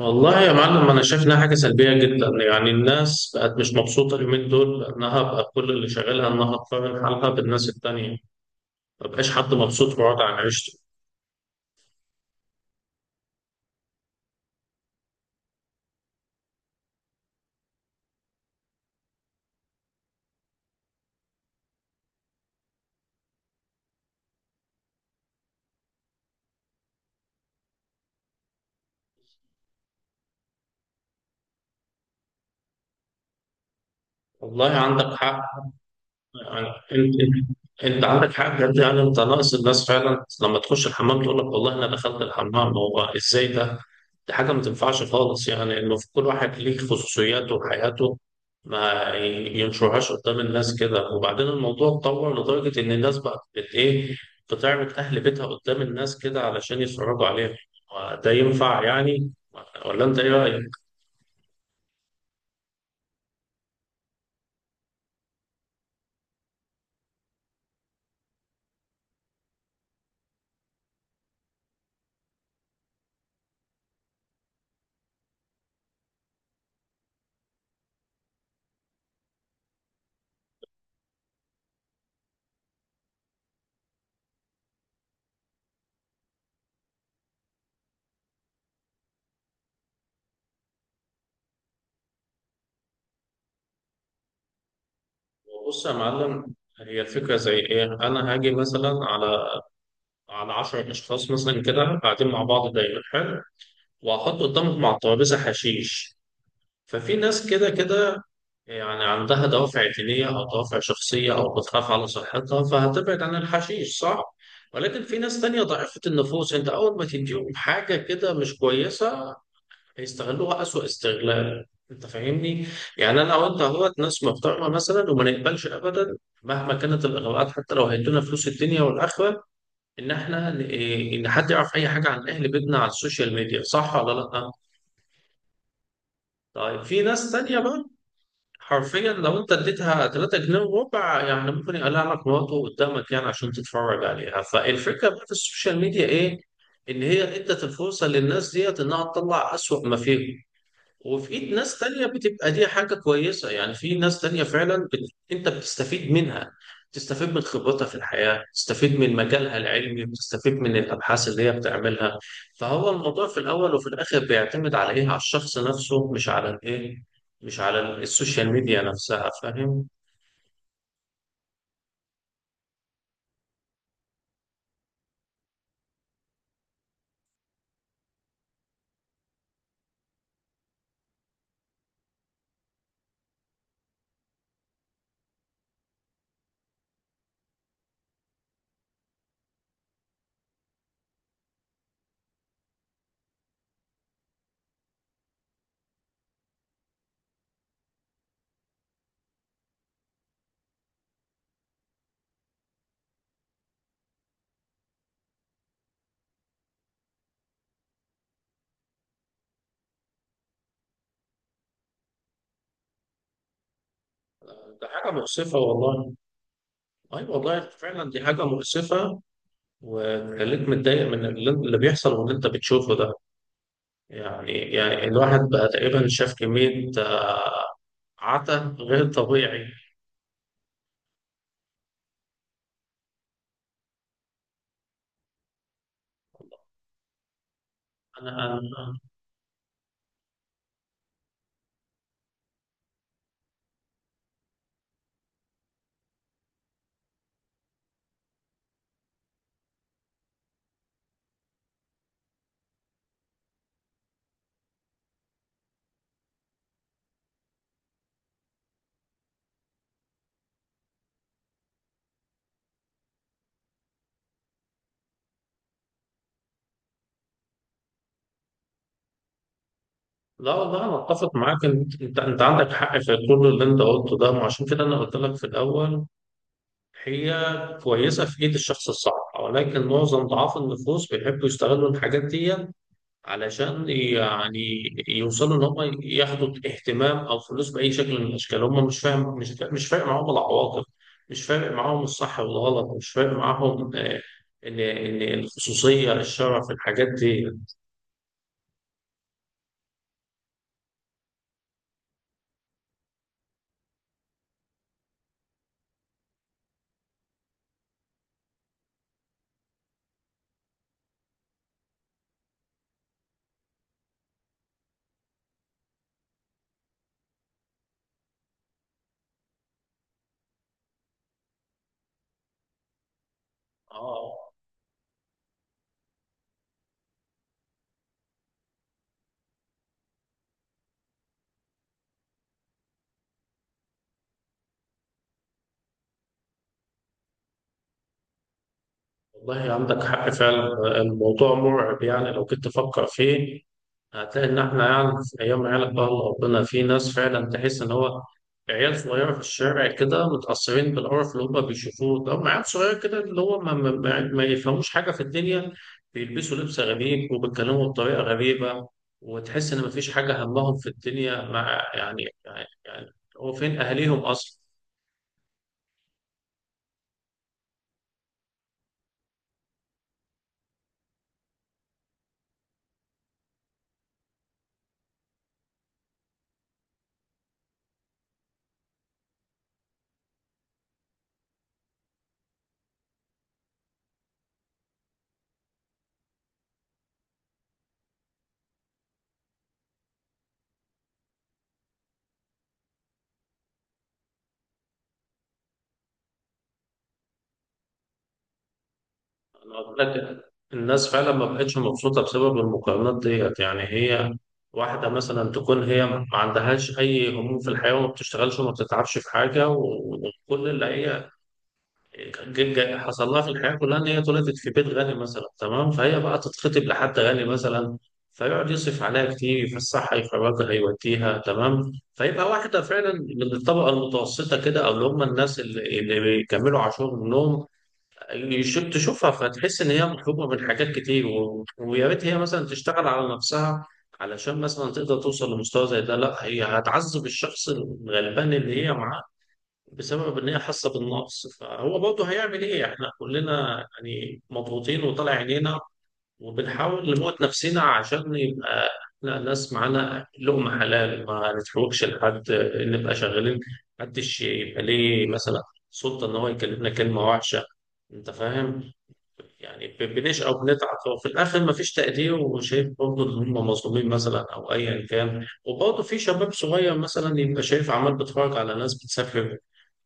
والله يا معلم انا شايف انها حاجه سلبيه جدا يعني الناس بقت مش مبسوطه اليومين دول بانها بقى كل اللي شغالها انها تقارن حالها بالناس التانيه. ما بقاش حد مبسوط في وضع عيشته. والله عندك حق. يعني انت انت عندك حق بجد, يعني انت ناقص الناس فعلا لما تخش الحمام تقول لك والله انا دخلت الحمام هو ازاي ده. دي حاجة ما تنفعش خالص, يعني المفروض كل واحد ليه خصوصياته وحياته ما ينشرهاش قدام الناس كده. وبعدين الموضوع اتطور لدرجة إن الناس بقت بت إيه, بتعرض أهل بيتها قدام الناس كده علشان يتفرجوا عليها. وده ينفع يعني؟ ولا أنت إيه رأيك؟ بص يا معلم, هي الفكرة زي إيه؟ أنا هاجي مثلا على 10 أشخاص مثلا كده قاعدين مع بعض دايما حلو, وهحط قدامهم على الترابيزة حشيش. ففي ناس كده كده يعني عندها دوافع دينية أو دوافع شخصية أو بتخاف على صحتها فهتبعد عن الحشيش صح؟ ولكن في ناس تانية ضعيفة النفوس, أنت أول ما تديهم حاجة كده مش كويسة هيستغلوها أسوأ استغلال. أنت فاهمني؟ يعني أنا وأنت أهوت ناس محترمة مثلا وما نقبلش أبدا مهما كانت الإغراءات, حتى لو هيدونا فلوس الدنيا والآخرة, إن إحنا إن حد يعرف أي حاجة عن أهل بيتنا على السوشيال ميديا. صح ولا لأ؟ طيب في ناس تانية بقى حرفيا لو انت اديتها 3 جنيه وربع يعني ممكن يقلع لك مراته قدامك يعني عشان تتفرج عليها. فالفكره بقى في السوشيال ميديا ايه؟ ان هي ادت الفرصه للناس ديت انها تطلع اسوأ ما فيهم. وفي ايد ناس تانية بتبقى دي حاجة كويسة, يعني في ناس تانية فعلا بت... انت بتستفيد منها, تستفيد من خبرتها في الحياة, تستفيد من مجالها العلمي, بتستفيد من الأبحاث اللي هي بتعملها. فهو الموضوع في الأول وفي الآخر بيعتمد على إيه, على الشخص نفسه مش على الإيه, مش على السوشيال ميديا نفسها. فاهم؟ ده حاجة مؤسفة والله. أي والله فعلا دي حاجة مؤسفة. وخليك متضايق من اللي بيحصل واللي انت بتشوفه ده. يعني الواحد بقى تقريبا شاف كمية عتا غير طبيعي. انا أنا- لا والله انا اتفق معاك ان انت أنت عندك حق في كل اللي انت قلته ده, وعشان كده انا قلت لك في الاول هي كويسه في ايد الشخص الصح. ولكن معظم ضعاف النفوس بيحبوا يستغلوا الحاجات دي علشان يعني يوصلوا ان هم ياخدوا اهتمام او فلوس باي شكل من الاشكال. هم مش فاهم, مش فارق معاهم العواقب, مش فارق معاهم الصح والغلط, مش فارق معاهم ان الخصوصيه الشرع في الحاجات دي. اه والله عندك حق فعلا. الموضوع مرعب يعني لو كنت تفكر فيه هتلاقي إن إحنا يعني في أيام عيالك بقى الله ربنا, في ناس فعلا تحس إن هو عيال صغيرة في الشارع كده متأثرين بالقرف اللي هما بيشوفوه ده. هم عيال صغيرة كده اللي هو ما يفهموش حاجة في الدنيا, بيلبسوا لبس غريب وبيتكلموا بطريقة غريبة, وتحس إن مفيش حاجة همهم في الدنيا مع يعني يعني, هو فين أهاليهم أصلا؟ انا قلت لك الناس فعلا ما بقتش مبسوطه بسبب المقارنات ديت. يعني هي واحده مثلا تكون هي ما عندهاش اي هموم في الحياه وما بتشتغلش وما بتتعبش في حاجه, وكل اللي هي حصل لها في الحياه كلها ان هي اتولدت في بيت غني مثلا, تمام؟ فهي بقى تتخطب لحد غني مثلا فيقعد يصرف عليها كتير, يفسحها يخرجها يوديها, تمام؟ فيبقى واحده فعلا من الطبقه المتوسطه كده, او اللي هم الناس اللي بيكملوا عاشورهم يشوف تشوفها فتحس ان هي مطلوبه من حاجات كتير. و... ويا ريت هي مثلا تشتغل على نفسها علشان مثلا تقدر توصل لمستوى زي ده. لا, هي هتعذب الشخص الغلبان اللي هي معاه بسبب ان هي حاسه بالنقص. فهو برضه هيعمل ايه, احنا كلنا يعني مضغوطين وطالع عينينا, وبنحاول نموت نفسنا عشان يبقى احنا ناس معانا لقمه حلال ما نتحوجش لحد, نبقى شغالين, محدش يبقى ليه مثلا سلطه ان هو يكلمنا كلمه وحشه. انت فاهم؟ يعني بنشقى وبنتعب وفي الاخر مفيش تقدير, وشايف برضه ان هم مظلومين مثلا او ايا كان. وبرضه في شباب صغير مثلا يبقى شايف عمال بيتفرج على ناس بتسافر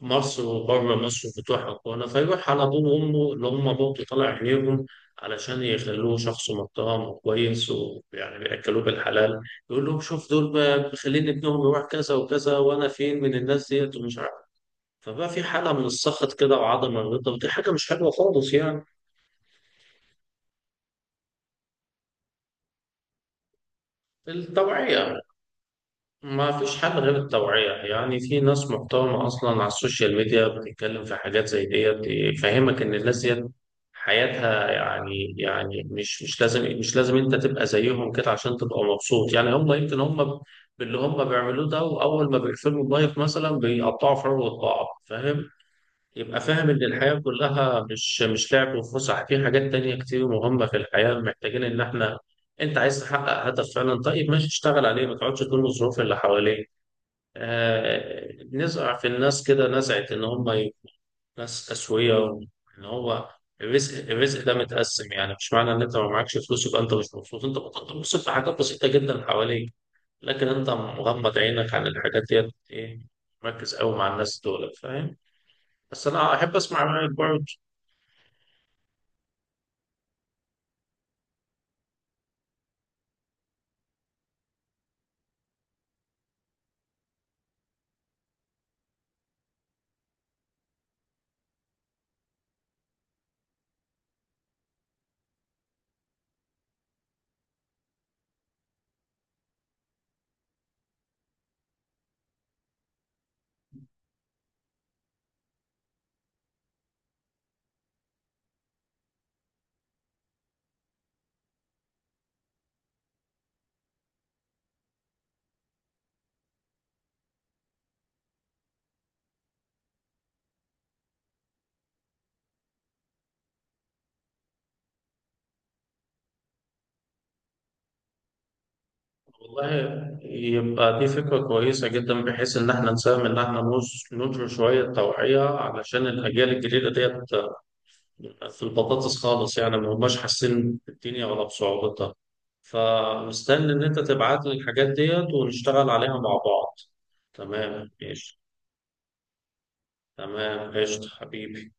مصر وبره مصر وبتروح هنا, فيروح على ابوه وامه اللي هم برضه طالع عينيهم علشان يخلوه شخص محترم وكويس ويعني بياكلوه بالحلال, يقول لهم شوف دول مخلين ابنهم يروح كذا وكذا وانا فين من الناس ديت ومش عارف. فبقى في حاله من السخط كده وعدم الرضا, ودي حاجه مش حلوه خالص يعني. التوعيه. ما فيش حل غير التوعية. يعني في ناس محترمة أصلا على السوشيال ميديا بتتكلم في حاجات زي ديت تفهمك إن الناس ديت حياتها يعني يعني, مش لازم أنت تبقى زيهم كده عشان تبقى مبسوط. يعني هم يمكن هم باللي هم بيعملوه ده وأول ما بيقفلوا اللايف مثلا بيقطعوا في عروة بعض. فاهم؟ يبقى فاهم إن الحياة كلها مش لعب وفسح, في حاجات تانية كتير مهمة في الحياة محتاجين إن إحنا, أنت عايز تحقق هدف فعلا طيب ماشي اشتغل عليه, ما تقعدش تلوم الظروف اللي حواليك. آه, نزرع في الناس كده نزعة إن هم يبقوا ناس أسوية, وإن هو الرزق ده متقسم. يعني مش معنى إن أنت ما معكش فلوس يبقى أنت مش مبسوط, أنت بتنبسط في حاجات بسيطة جدا حواليك, لكن أنت مغمض عينك عن الحاجات ديت, إيه مركز قوي مع الناس دول. فاهم؟ بس أنا أحب أسمع رأيك برضه. والله يبقى دي فكرة كويسة جدا بحيث إن إحنا نساهم إن إحنا ننشر شوية توعية علشان الأجيال الجديدة ديت في البطاطس خالص, يعني ما هماش حاسين بالدنيا ولا بصعوبتها. فمستني إن أنت تبعت لي الحاجات ديت ونشتغل عليها مع بعض. تمام ماشي. تمام قشطة حبيبي.